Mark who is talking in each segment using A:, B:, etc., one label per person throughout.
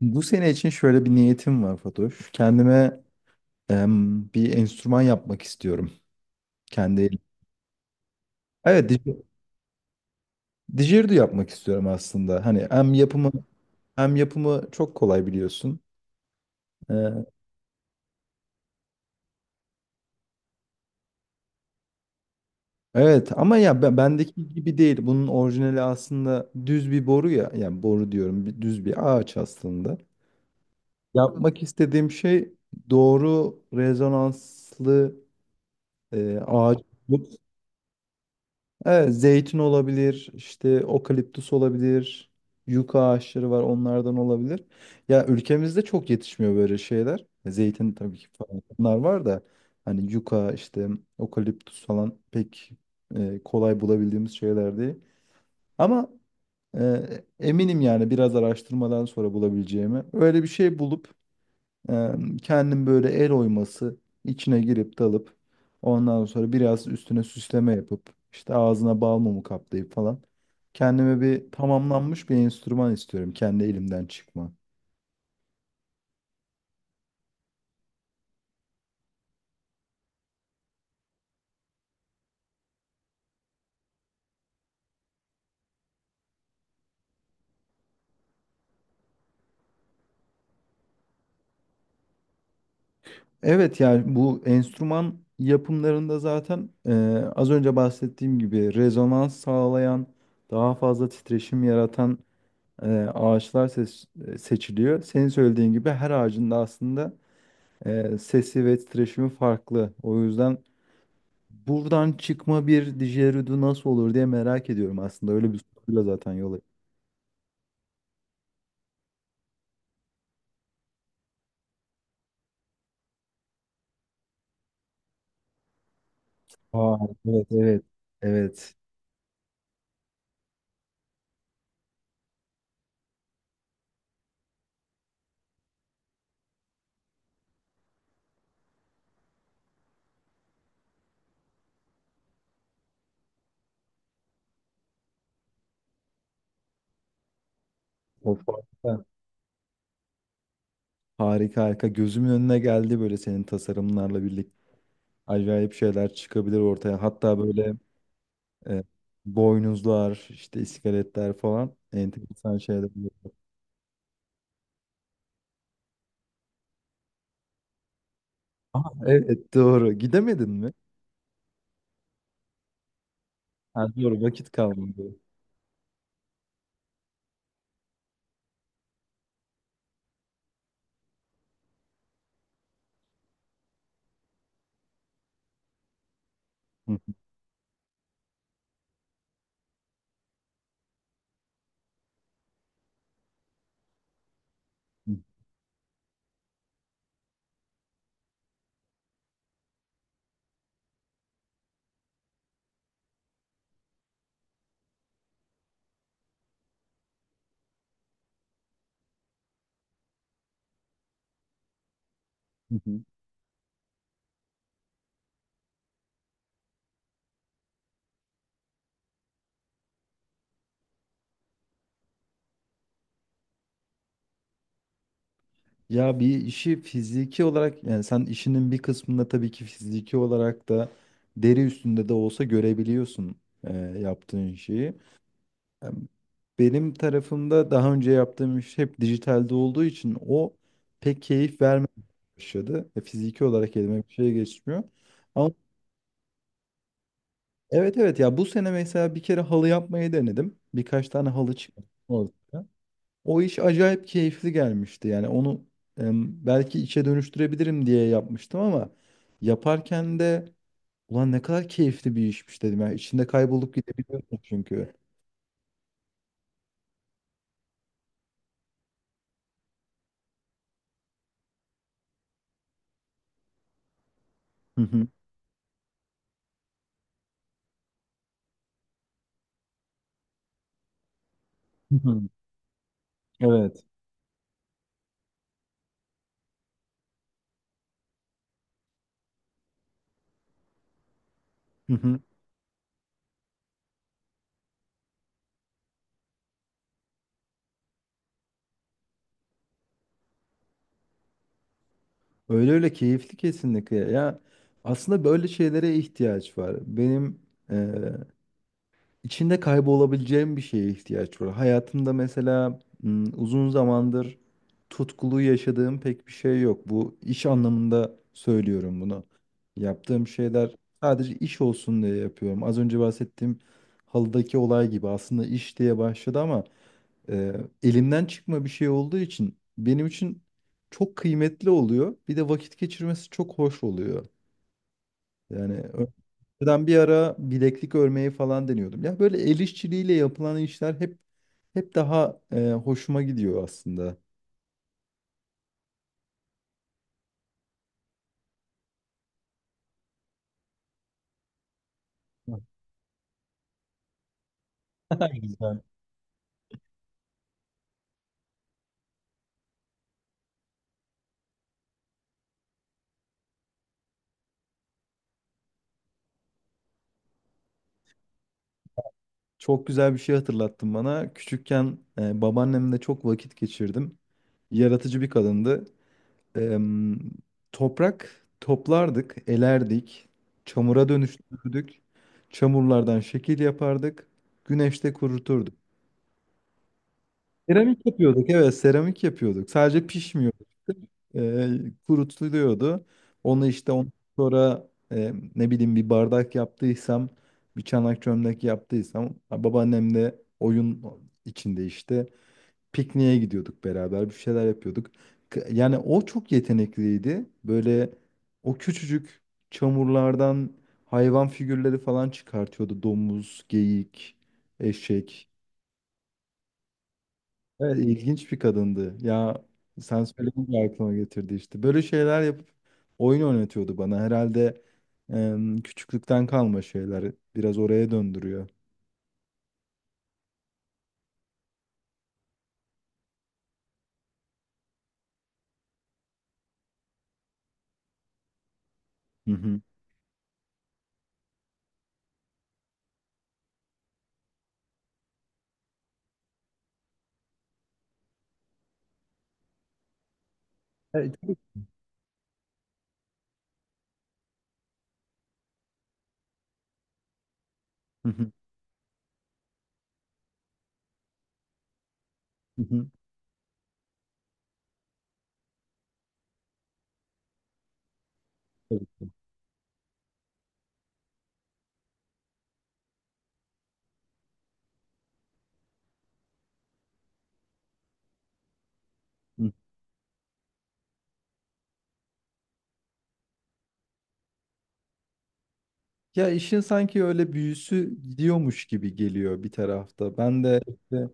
A: Bu sene için şöyle bir niyetim var Fatoş. Kendime bir enstrüman yapmak istiyorum. Kendi elim. Evet, dijerdu yapmak istiyorum aslında. Hani hem yapımı hem yapımı çok kolay biliyorsun. Ee, evet ama bendeki gibi değil. Bunun orijinali aslında düz bir boru ya. Yani boru diyorum, düz bir ağaç aslında. Yapmak istediğim şey doğru rezonanslı ağaç. Evet, zeytin olabilir, işte okaliptüs olabilir, yuka ağaçları var onlardan olabilir. Ya ülkemizde çok yetişmiyor böyle şeyler. Zeytin tabii ki falan bunlar var da hani yuka işte okaliptüs falan pek kolay bulabildiğimiz şeyler değil. Ama e, eminim yani biraz araştırmadan sonra bulabileceğimi. Öyle bir şey bulup ee, kendim böyle el oyması içine girip dalıp ondan sonra biraz üstüne süsleme yapıp işte ağzına bal mumu kaplayıp falan kendime bir tamamlanmış bir enstrüman istiyorum kendi elimden çıkma. Evet yani bu enstrüman yapımlarında zaten az önce bahsettiğim gibi rezonans sağlayan daha fazla titreşim yaratan e, ağaçlar seçiliyor. Senin söylediğin gibi her ağacın da aslında sesi ve titreşimi farklı. O yüzden buradan çıkma bir Didgeridoo nasıl olur diye merak ediyorum aslında. Öyle bir soruyla zaten yola. Aa, evet evet. Evet. O farklı. Harika harika. Gözümün önüne geldi böyle senin tasarımlarla birlikte. Acayip şeyler çıkabilir ortaya. Hatta böyle e, boynuzlar, işte iskeletler falan. Enteresan şeyler. Aa, evet doğru. Gidemedin mi? Ha, doğru vakit kalmadı. Ya bir işi fiziki olarak yani sen işinin bir kısmında tabii ki fiziki olarak da deri üstünde de olsa görebiliyorsun yaptığın şeyi. Em, Benim tarafımda daha önce yaptığım iş hep dijitalde olduğu için o pek keyif vermeye başladı. E, fiziki olarak elime bir şey geçmiyor. Ama evet evet ya bu sene mesela bir kere halı yapmayı denedim. Birkaç tane halı çıktı ortaya. O iş acayip keyifli gelmişti. Yani onu belki işe dönüştürebilirim diye yapmıştım ama yaparken de ulan ne kadar keyifli bir işmiş dedim. Yani içinde kaybolup gidebiliyorsun çünkü. Hı hı. Hı hı. Evet. Hı hı. Öyle öyle keyifli kesinlikle. Ya aslında böyle şeylere ihtiyaç var. Benim içinde kaybolabileceğim bir şeye ihtiyaç var. Hayatımda mesela uzun zamandır tutkulu yaşadığım pek bir şey yok. Bu iş anlamında söylüyorum bunu. Yaptığım şeyler sadece iş olsun diye yapıyorum. Az önce bahsettiğim halıdaki olay gibi aslında iş diye başladı ama e, elimden çıkma bir şey olduğu için benim için çok kıymetli oluyor. Bir de vakit geçirmesi çok hoş oluyor. Yani ben bir ara bileklik örmeyi falan deniyordum. Ya böyle el işçiliğiyle yapılan işler hep daha hoşuma gidiyor aslında. Hı. Ne kadar güzel. Çok güzel bir şey hatırlattın bana. Küçükken babaannemle çok vakit geçirdim. Yaratıcı bir kadındı. Em, toprak toplardık, elerdik, çamura dönüştürdük. Çamurlardan şekil yapardık, güneşte kuruturduk. Seramik yapıyorduk, evet seramik yapıyorduk. Sadece pişmiyorduk. Ee, kurutuluyordu. Onu işte ondan sonra ne bileyim bir bardak yaptıysam bir çanak çömlek yaptıysam ha, oyun içinde işte pikniğe gidiyorduk, beraber bir şeyler yapıyorduk. Yani o çok yetenekliydi. Böyle o küçücük çamurlardan hayvan figürleri falan çıkartıyordu. Domuz, geyik, eşek. Evet, ilginç bir kadındı. Ya sen söyleyince aklıma getirdi işte. Böyle şeyler yapıp oyun oynatıyordu bana. Herhalde küçüklükten kalma şeyler biraz oraya döndürüyor. Hı hı. Evet, tabii. Hı hı, hı hı. Tabii ki. Hı. Ya işin sanki öyle büyüsü gidiyormuş gibi geliyor bir tarafta. Ben de işte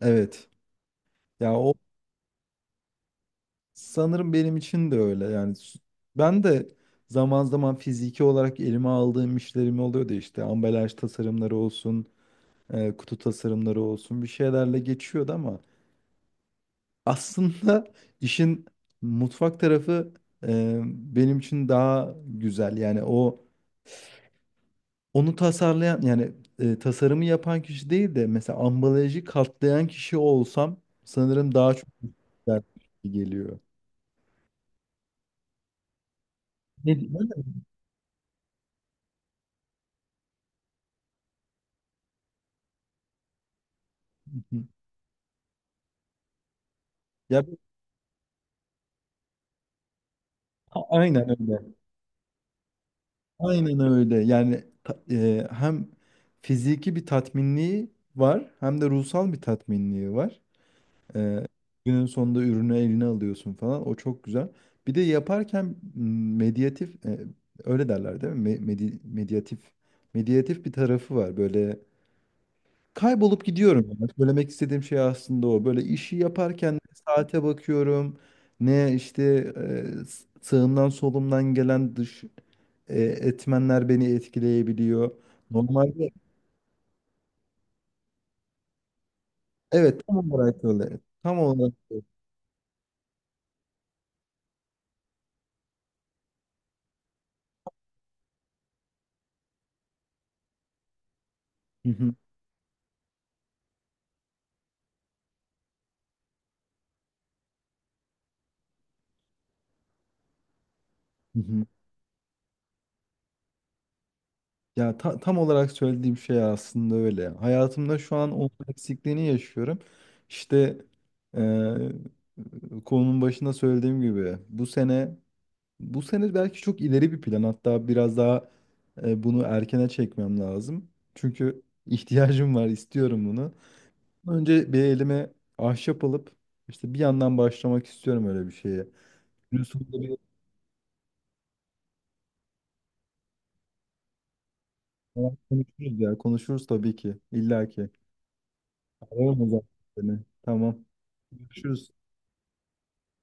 A: evet. Ya o sanırım benim için de öyle. Ben de zaman zaman fiziki olarak elime aldığım işlerim oluyordu, işte ambalaj tasarımları olsun, kutu tasarımları olsun, bir şeylerle geçiyordu ama aslında işin mutfak tarafı benim için daha güzel. Yani o onu tasarlayan yani tasarımı yapan kişi değil de mesela ambalajı katlayan kişi olsam sanırım daha çok güzel geliyor. Ne diyeyim, öyle mi? Ya bu- aynen öyle. Aynen öyle. Hem fiziki bir tatminliği var hem de ruhsal bir tatminliği var. Ee, günün sonunda ürünü eline alıyorsun falan. O çok güzel. Bir de yaparken m, medyatif, öyle derler değil mi? Medyatif bir tarafı var. Böyle kaybolup gidiyorum. Yani. Söylemek istediğim şey aslında o. Böyle işi yaparken ne saate bakıyorum. Ne işte sağımdan solumdan gelen dış etmenler beni etkileyebiliyor. Normalde evet, tam olarak öyle. Tam olarak öyle. Tam olarak söylediğim şey aslında öyle. Hayatımda şu an onun eksikliğini yaşıyorum. İşte eee konunun başında söylediğim gibi bu sene, bu sene belki çok ileri bir plan. Hatta biraz daha bunu erkene çekmem lazım. Çünkü ihtiyacım var, istiyorum bunu. Önce bir elime ahşap alıp işte bir yandan başlamak istiyorum öyle bir şeye. Biliyorsun da bir konuşuruz ya. Konuşuruz tabii ki. İlla ki. Ararım o zaman seni. Tamam. Görüşürüz.